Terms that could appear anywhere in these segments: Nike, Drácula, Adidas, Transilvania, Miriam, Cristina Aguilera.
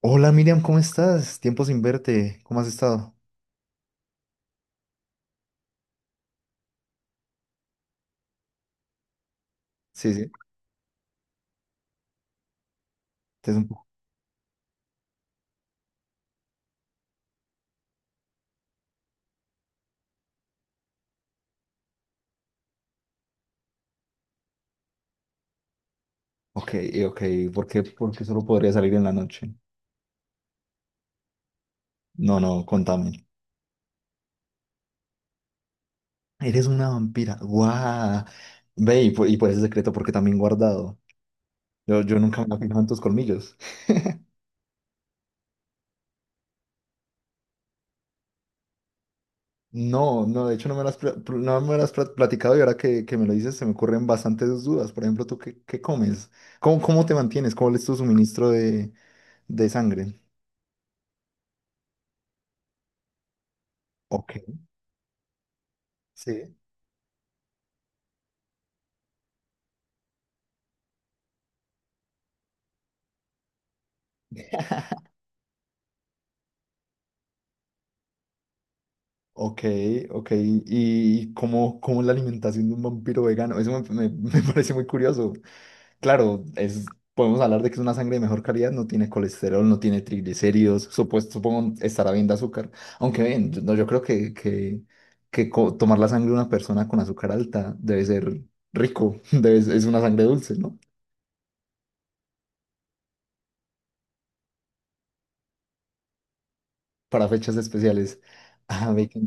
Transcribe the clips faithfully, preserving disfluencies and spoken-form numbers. Hola Miriam, ¿cómo estás? Tiempo sin verte. ¿Cómo has estado? Sí, sí. Te es un poco- Ok, ok. ¿Por qué? Porque solo podría salir en la noche. No, no, contame. Eres una vampira. ¡Guau! Ve, y pues, y pues ese secreto, porque también guardado. Yo, yo nunca me he fijado en tus colmillos. No, no, de hecho no me lo has, pla- pl- no me lo has pla- platicado y ahora que, que me lo dices se me ocurren bastantes dudas. Por ejemplo, ¿tú qué, qué comes? ¿Cómo, cómo te mantienes? ¿Cómo es tu suministro de, de sangre? Ok. Sí. Ok, ok. ¿Y cómo, cómo es la alimentación de un vampiro vegano? Eso me, me- me parece muy curioso. Claro, es, podemos hablar de que es una sangre de mejor calidad, no tiene colesterol, no tiene triglicéridos, supuesto, supongo estará bien de azúcar. Aunque bien, yo- no, yo creo que, que, que co- tomar la sangre de una persona con azúcar alta debe ser rico, debe, es una sangre dulce, ¿no? Para fechas especiales. Ah, ve que-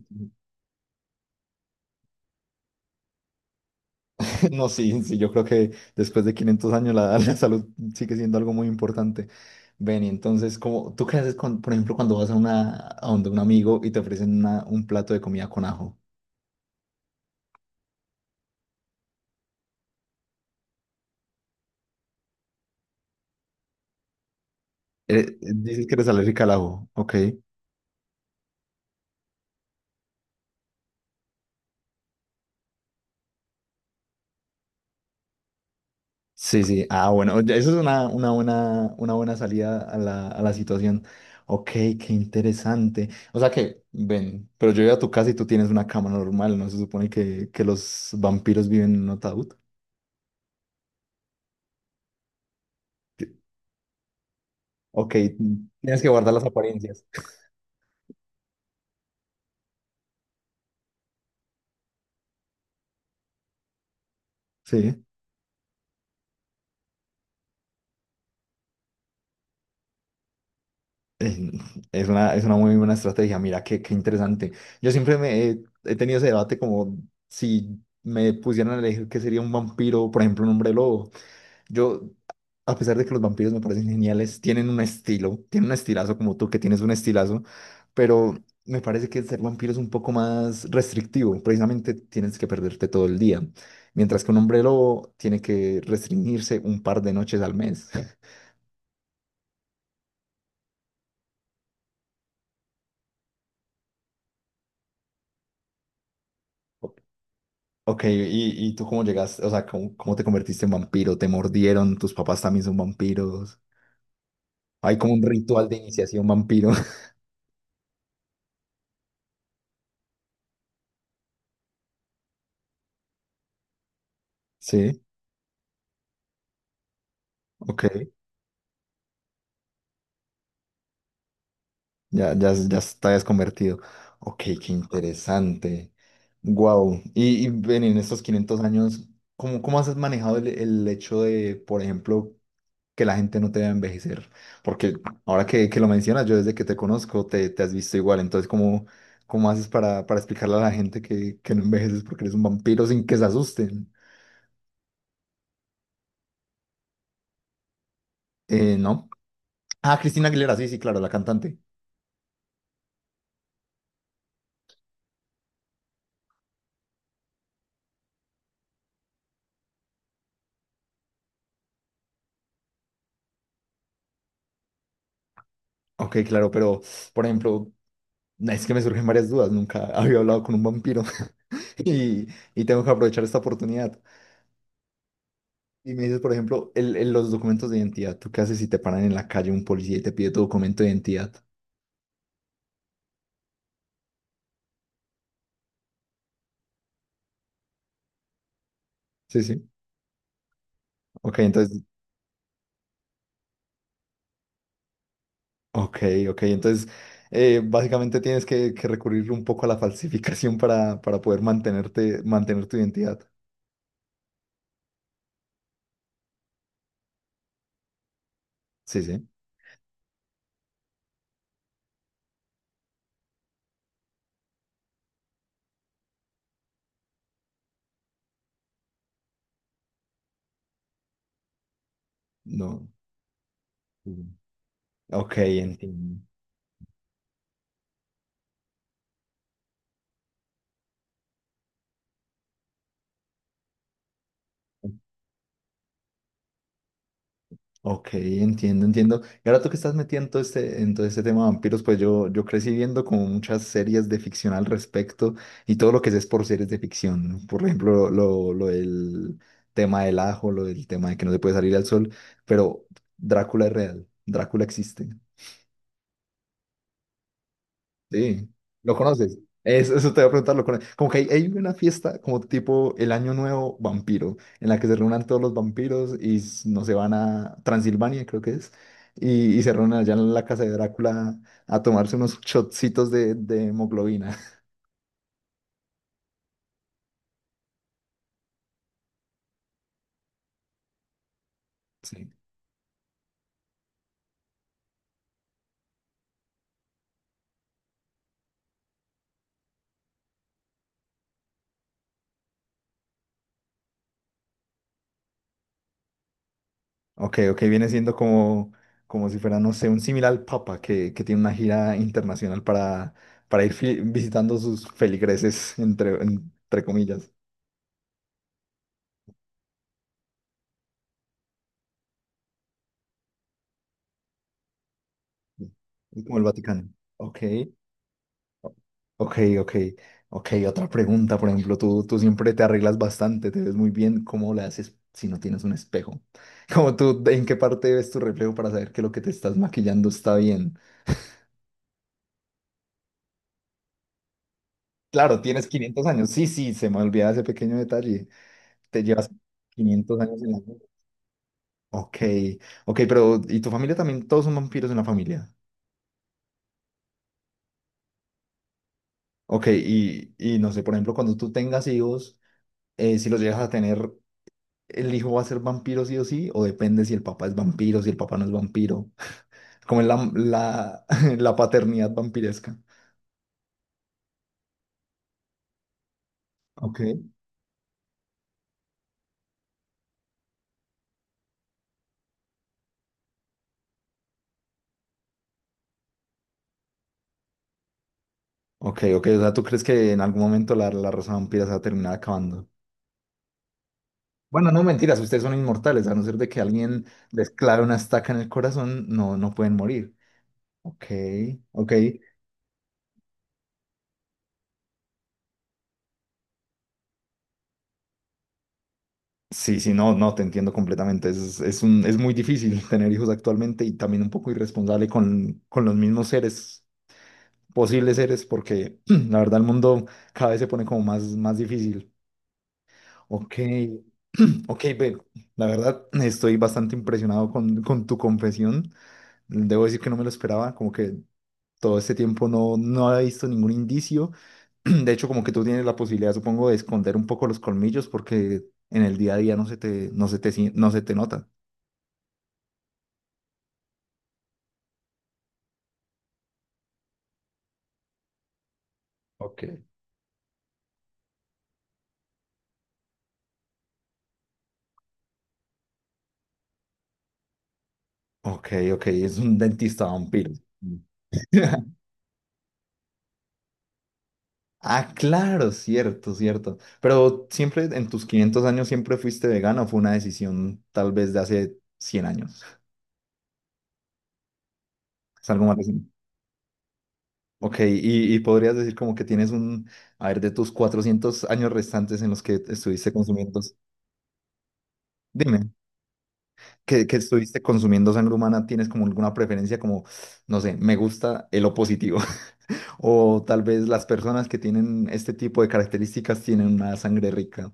No, sí, sí, yo creo que después de quinientos años la, la salud sigue siendo algo muy importante. Ven, y entonces, como, ¿tú qué haces con, por ejemplo, cuando vas a una, a donde un amigo y te ofrecen una- un plato de comida con ajo? Eh, eh, dices que eres alérgica al ajo, ¿ok? Sí, sí, ah, bueno, ya eso es una, una buena, una buena salida a la, a la situación. Ok, qué interesante. O sea que, ven, pero yo voy a tu casa y tú tienes una cama normal, ¿no? Se supone que, que los vampiros viven en un ataúd. Ok, tienes que guardar las apariencias. Sí, eh, es una, es una muy buena estrategia. Mira, qué, qué interesante. Yo siempre me he, he tenido ese debate como si me pusieran a elegir qué sería un vampiro, por ejemplo, un hombre lobo. Yo, a pesar de que los vampiros me parecen geniales, tienen un estilo, tienen un estilazo como tú que tienes un estilazo, pero me parece que ser vampiro es un poco más restrictivo. Precisamente tienes que perderte todo el día, mientras que un hombre lobo tiene que restringirse un par de noches al mes. Ok, ¿y, y tú cómo llegaste? O sea, ¿cómo, cómo te convertiste en vampiro? ¿Te mordieron? ¿Tus papás también son vampiros? Hay como un ritual de iniciación vampiro. Sí, ok. Ya, ya, ya te habías convertido. Ok, qué interesante. Wow. Y, y ven, en estos quinientos años, ¿cómo, cómo has manejado el, el hecho de, por ejemplo, que la gente no te vea envejecer. Porque ahora que, que lo mencionas, yo desde que te conozco te, te has visto igual. Entonces, ¿cómo, cómo haces para, para explicarle a la gente que, que no envejeces porque eres un vampiro sin que se asusten? Eh, ¿no? Ah, Cristina Aguilera, sí, sí, claro, la cantante. Ok, claro, pero, por ejemplo, es que me surgen varias dudas. Nunca había hablado con un vampiro y, y tengo que aprovechar esta oportunidad. Y me dices, por ejemplo, el, el- los documentos de identidad. ¿Tú qué haces si te paran en la calle un policía y te pide tu documento de identidad? Sí, sí. Ok, entonces Ok, ok. Entonces, eh, básicamente tienes que, que recurrir un poco a la falsificación para, para poder mantenerte, mantener tu identidad. Sí, sí. No. Mm. Ok, entiendo. Ok, entiendo, entiendo. Y ahora tú que estás metido en todo este, en todo este tema de vampiros, pues yo, yo crecí viendo como muchas series de ficción al respecto y todo lo que sé es por series de ficción. ¿No? Por ejemplo, lo, lo del tema del ajo, lo del tema de que no se puede salir al sol, pero Drácula es real, Drácula existe. Sí, ¿lo conoces? Es- Eso, te voy a preguntar, ¿lo conoces? Como que hay, hay una fiesta como tipo el Año Nuevo Vampiro, en la que se reúnen todos los vampiros y s- no se van a Transilvania, creo que es, y, y se reúnen allá en la casa de Drácula a tomarse unos shotcitos de, de hemoglobina. Sí. Ok, ok, viene siendo como, como si fuera, no sé, un similar al Papa que, que tiene una gira internacional para, para ir fi- visitando sus feligreses, entre, entre comillas. Sí, es como el Vaticano. Ok. Ok, ok, ok. Otra pregunta, por ejemplo, tú, tú siempre te arreglas bastante, te ves muy bien. ¿Cómo le haces si no tienes un espejo? Como tú, ¿en qué parte ves tu reflejo para saber que lo que te estás maquillando está bien? Claro, tienes quinientos años. Sí, sí, se me olvidaba ese pequeño detalle. Te llevas quinientos años en la vida. Ok, ok, pero ¿y tu familia también? Todos son vampiros en la familia. Ok, y, y no sé, por ejemplo, cuando tú tengas hijos, eh, si los llegas a tener, el hijo va a ser vampiro sí o sí, o depende si el papá es vampiro, si el papá no es vampiro, como es la, la, la paternidad vampiresca. Ok. Ok, ok, o sea, ¿tú crees que en algún momento la, la raza vampira se va a terminar acabando? Bueno, no mentiras, ustedes son inmortales, a no ser de que alguien les clave una estaca en el corazón, no, no pueden morir. Ok, ok. Sí, sí, no, no, te entiendo completamente. Es, es un, es muy difícil tener hijos actualmente y también un poco irresponsable con, con los mismos seres posibles seres porque la verdad el mundo cada vez se pone como más, más difícil. Ok, ok, ve, la verdad estoy bastante impresionado con, con tu confesión. Debo decir que no me lo esperaba, como que todo este tiempo no, no había visto ningún indicio. De hecho, como que tú tienes la posibilidad, supongo, de esconder un poco los colmillos porque en el día a día no se te, no se te, sien- no se te nota. Ok. Ok, ok, es un dentista vampiro. Ah, claro, cierto, cierto. Pero siempre en tus quinientos años siempre fuiste vegano, ¿o fue una decisión tal vez de hace cien años? Es algo más reciente. Ok, y, y podrías decir como que tienes un, a ver, de tus cuatrocientos años restantes en los que estuviste consumiendo, dime, que, que estuviste consumiendo sangre humana, ¿tienes como alguna preferencia como, no sé, me gusta el O positivo? O tal vez las personas que tienen este tipo de características tienen una sangre rica.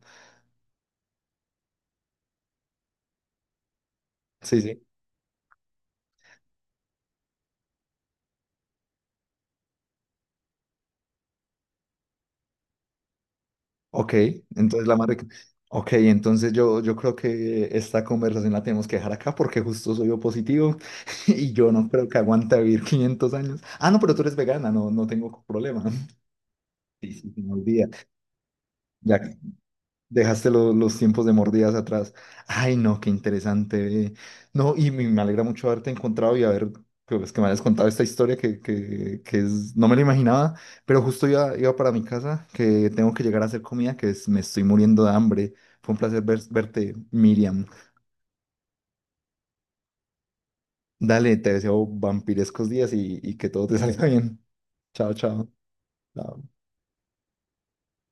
Sí Sí, Ok, entonces la madre... Ok, entonces yo, yo creo que esta conversación la tenemos que dejar acá porque justo soy yo positivo y yo no creo que aguante vivir quinientos años. Ah, no, pero tú eres vegana, no, no tengo problema. Sí, sí, se me olvida. Ya Dejaste lo- los tiempos de mordidas atrás. Ay, no, qué interesante. Ve. No, y me, me alegra mucho haberte encontrado y haber, pues, que me hayas contado esta historia que, que, que es, no me lo imaginaba, pero justo iba, iba para mi casa, que tengo que llegar a hacer comida, que es- me estoy muriendo de hambre. Fue un placer ver- verte, Miriam. Dale, te deseo vampirescos días y, y que todo te salga bien. Chao, chao. Chao.